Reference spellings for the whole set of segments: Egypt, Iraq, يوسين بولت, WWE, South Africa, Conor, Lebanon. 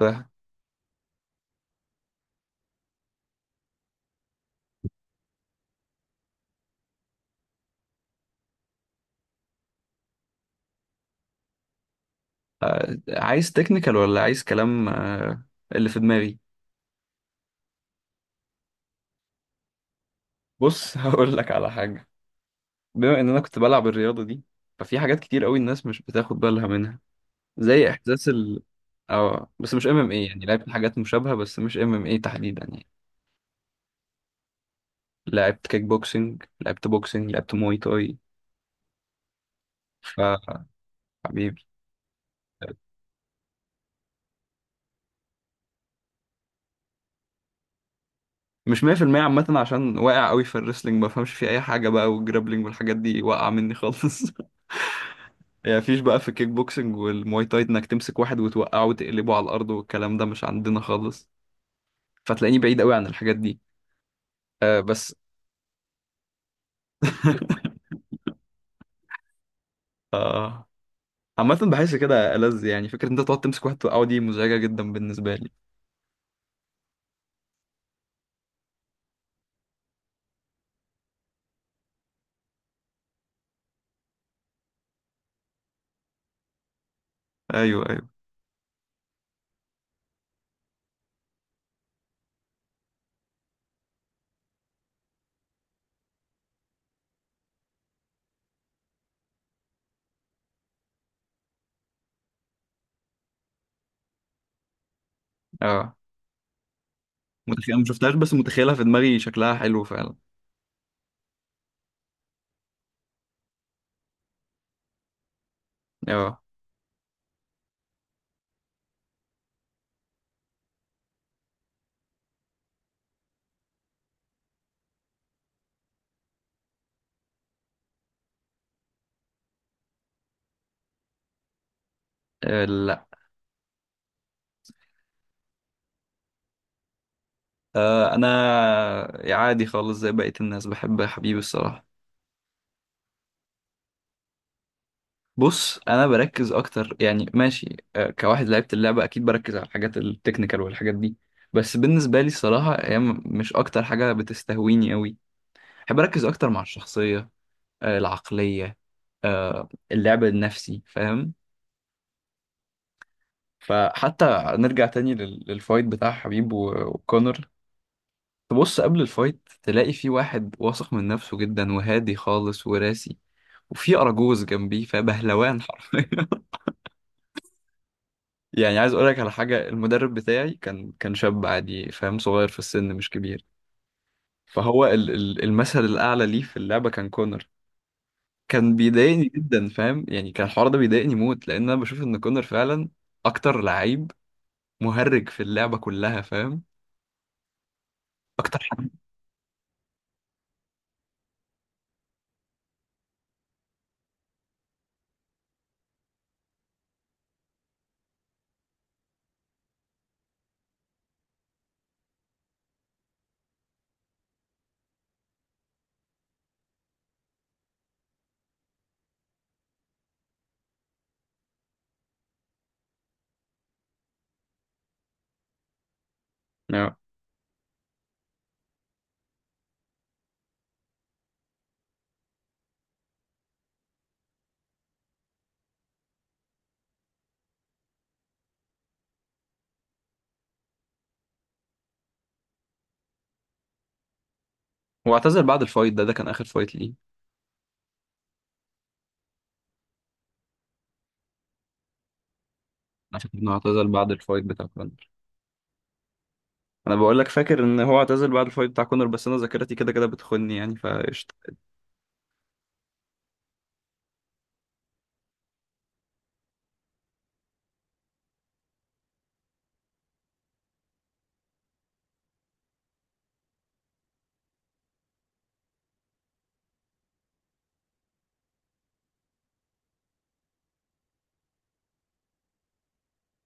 ده. عايز تكنيكال ولا عايز كلام، اللي في دماغي. بص هقول لك على حاجة، بما ان انا كنت بلعب الرياضة دي ففي حاجات كتير قوي الناس مش بتاخد بالها منها، زي احساس ال اه بس مش ام ام ايه، يعني لعبت حاجات مشابهة بس مش ام ام ايه تحديدا يعني. لعبت كيك بوكسنج، لعبت بوكسنج، لعبت موي تاي. ف حبيبي. مش 100% عامة عشان واقع قوي في الريسلينج ما بفهمش فيه اي حاجة بقى، والجرابلينج والحاجات دي واقعة مني خالص يعني مفيش بقى في الكيك بوكسنج والمواي تاي انك تمسك واحد وتوقعه وتقلبه على الارض، والكلام ده مش عندنا خالص، فتلاقيني بعيد قوي عن الحاجات دي. آه بس آه، عامة بحس كده ألذ، يعني فكرة إن أنت تقعد تمسك واحد توقعه دي مزعجة جدا بالنسبة لي. أيوه أيوه. أه متخيل، ما شفتهاش بس متخيلها في دماغي شكلها حلو فعلا. أه. آه، لا. آه، أنا عادي خالص زي بقية الناس، بحب حبيبي الصراحة. بص انا بركز اكتر، يعني ماشي، كواحد لعبت اللعبه اكيد بركز على الحاجات التكنيكال والحاجات دي، بس بالنسبه لي الصراحه هي مش اكتر حاجه بتستهويني قوي. بحب اركز اكتر مع الشخصيه، العقليه، اللعب النفسي فاهم. فحتى نرجع تاني للفايت بتاع حبيب وكونر، تبص قبل الفايت تلاقي في واحد واثق من نفسه جدا وهادي خالص وراسي، وفي اراجوز جنبيه، فبهلوان حرفيا. يعني عايز اقول لك على حاجه، المدرب بتاعي كان شاب عادي فاهم، صغير في السن مش كبير، فهو المثل الاعلى ليه في اللعبه كان كونر. كان بيضايقني جدا فاهم، يعني كان الحوار ده بيضايقني موت، لان انا بشوف ان كونر فعلا اكتر لعيب مهرج في اللعبه كلها فاهم، اكتر حد. آه. هو اعتزل بعد الفايت ده؟ ده كان اخر فايت ليه؟ عشان انه اعتزل بعد الفايت بتاع كونر. انا بقول لك فاكر ان هو اعتزل بعد الفايت بتاع كونر، بس انا ذاكرتي كده كده بتخني يعني، فقشطه.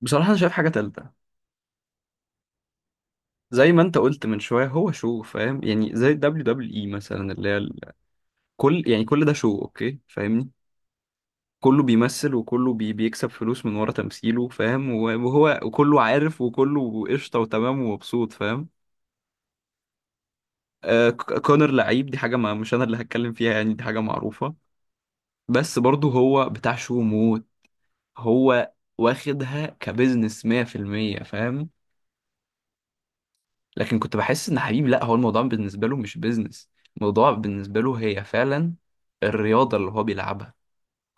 بصراحه انا شايف حاجه تالته. زي ما انت قلت من شويه، هو شو فاهم، يعني زي دبليو دبليو اي مثلا، اللي هي كل، يعني كل ده شو اوكي فاهمني. كله بيمثل وكله بيكسب فلوس من ورا تمثيله فاهم، وهو وكله عارف وكله قشطه وتمام ومبسوط فاهم. آه، كونر لعيب، دي حاجه ما مش انا اللي هتكلم فيها يعني، دي حاجه معروفه. بس برضه هو بتاع شو موت. هو واخدها كبزنس 100% فاهم. لكن كنت بحس ان حبيبي لا، هو الموضوع بالنسبه له مش بيزنس، الموضوع بالنسبه له هي فعلا الرياضه اللي هو بيلعبها.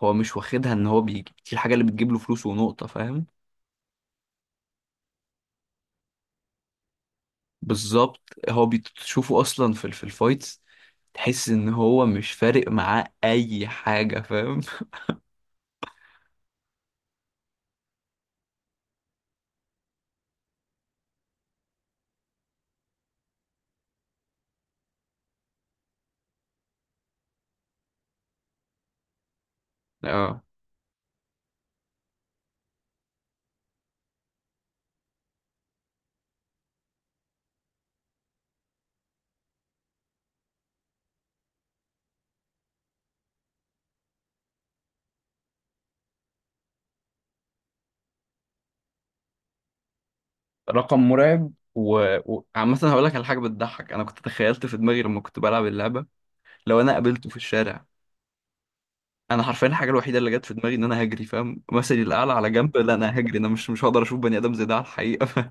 هو مش واخدها ان هو بيجي دي الحاجه اللي بتجيب له فلوس ونقطه فاهم. بالظبط. هو بتشوفه اصلا في في الفايتس، تحس ان هو مش فارق معاه اي حاجه فاهم اه، رقم مرعب وعامة هقول لك على حاجة بتضحك. أنا كنت تخيلت في دماغي لما كنت بلعب اللعبة لو أنا قابلته في الشارع، انا حرفيا الحاجه الوحيده اللي جت في دماغي ان انا هجري فاهم. مثلي الاعلى على جنب، لا انا هجري، انا مش هقدر اشوف بني ادم زي ده على الحقيقه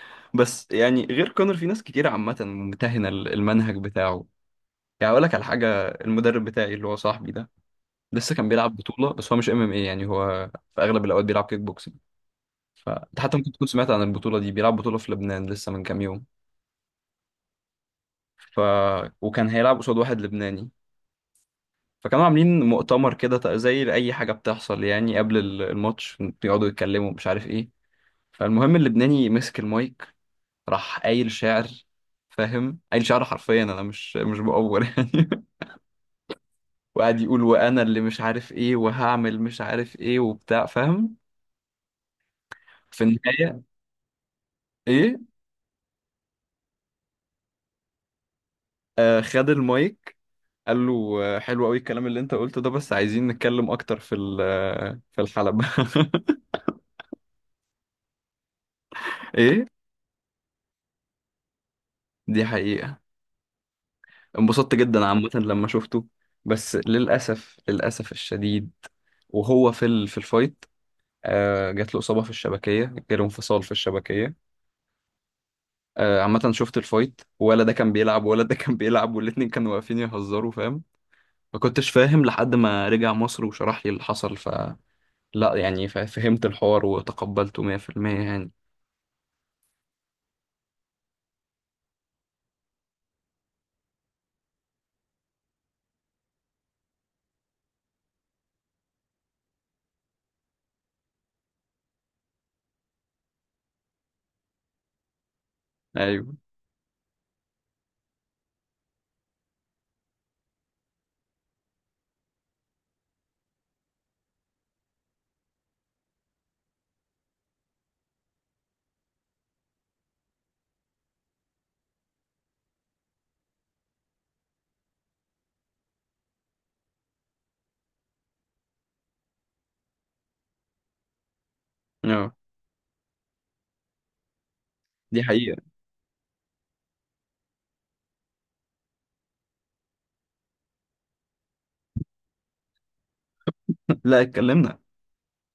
بس يعني غير كونر في ناس كتير عامه ممتهنه المنهج بتاعه. يعني اقول لك على حاجه، المدرب بتاعي اللي هو صاحبي ده لسه كان بيلعب بطوله، بس هو مش ام ام اي يعني، هو في اغلب الاوقات بيلعب كيك بوكسنج. فانت حتى ممكن تكون سمعت عن البطوله دي، بيلعب بطوله في لبنان لسه من كام يوم. ف وكان هيلعب قصاد واحد لبناني، فكانوا عاملين مؤتمر كده زي اي حاجه بتحصل يعني قبل الماتش، بيقعدوا يتكلموا مش عارف ايه. فالمهم اللبناني مسك المايك، راح قايل شعر فاهم، قايل شعر حرفيا، انا مش بأور يعني وقعد يقول وانا اللي مش عارف ايه، وهعمل مش عارف ايه وبتاع فاهم، في النهاية ايه. آه خد المايك، قال له: آه، حلو قوي الكلام اللي انت قلته ده، بس عايزين نتكلم اكتر في في الحلبة ايه، دي حقيقة. انبسطت جدا عامة لما شفته. بس للأسف، للأسف الشديد، وهو في في الفايت، جات له إصابة في الشبكية، جاله انفصال في الشبكية. عامة شفت الفايت، ولا ده كان بيلعب ولا ده كان بيلعب، والاتنين كانوا واقفين يهزروا فاهم. ما كنتش فاهم لحد ما رجع مصر وشرح لي اللي حصل، ف لا يعني فهمت الحوار وتقبلته 100% يعني. ايوه. اه، دي حقيقة. لا اتكلمنا،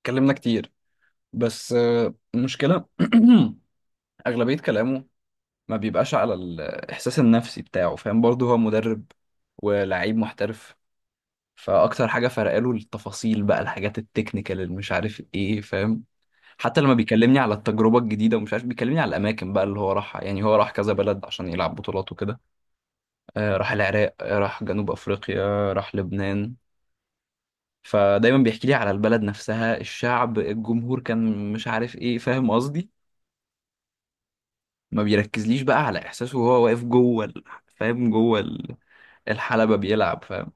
اتكلمنا كتير. بس آه، المشكلة أغلبية كلامه ما بيبقاش على الإحساس النفسي بتاعه فاهم، برضه هو مدرب ولاعيب محترف، فاكتر حاجه فرق له التفاصيل بقى، الحاجات التكنيكال اللي مش عارف ايه فاهم. حتى لما بيكلمني على التجربه الجديده ومش عارف، بيكلمني على الاماكن بقى اللي هو راحها، يعني هو راح كذا بلد عشان يلعب بطولات وكده. آه راح العراق، آه راح جنوب افريقيا، راح لبنان. فدايما بيحكي لي على البلد نفسها، الشعب، الجمهور كان مش عارف ايه فاهم قصدي. ما بيركزليش بقى على احساسه وهو واقف جوه فاهم جوه الحلبة بيلعب فاهم.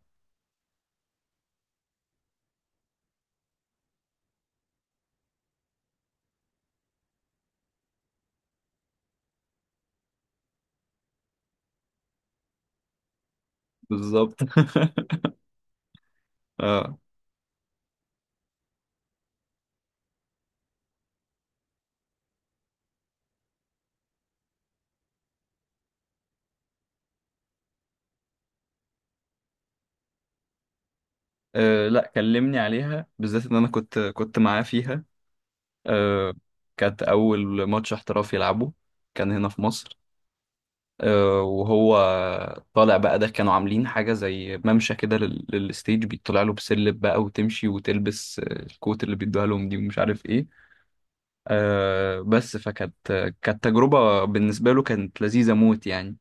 بالظبط. اه. أه لا كلمني عليها بالذات، ان انا كنت معاه فيها. أه. كانت اول ماتش احترافي يلعبه، كان هنا في مصر. أه وهو طالع بقى، ده كانوا عاملين حاجة زي ممشى كده للستيج، بيطلع له بسلم بقى وتمشي وتلبس آه، الكوت اللي بيدوها لهم دي ومش عارف ايه. أه بس فكانت، كانت تجربة بالنسبة له كانت لذيذة موت يعني.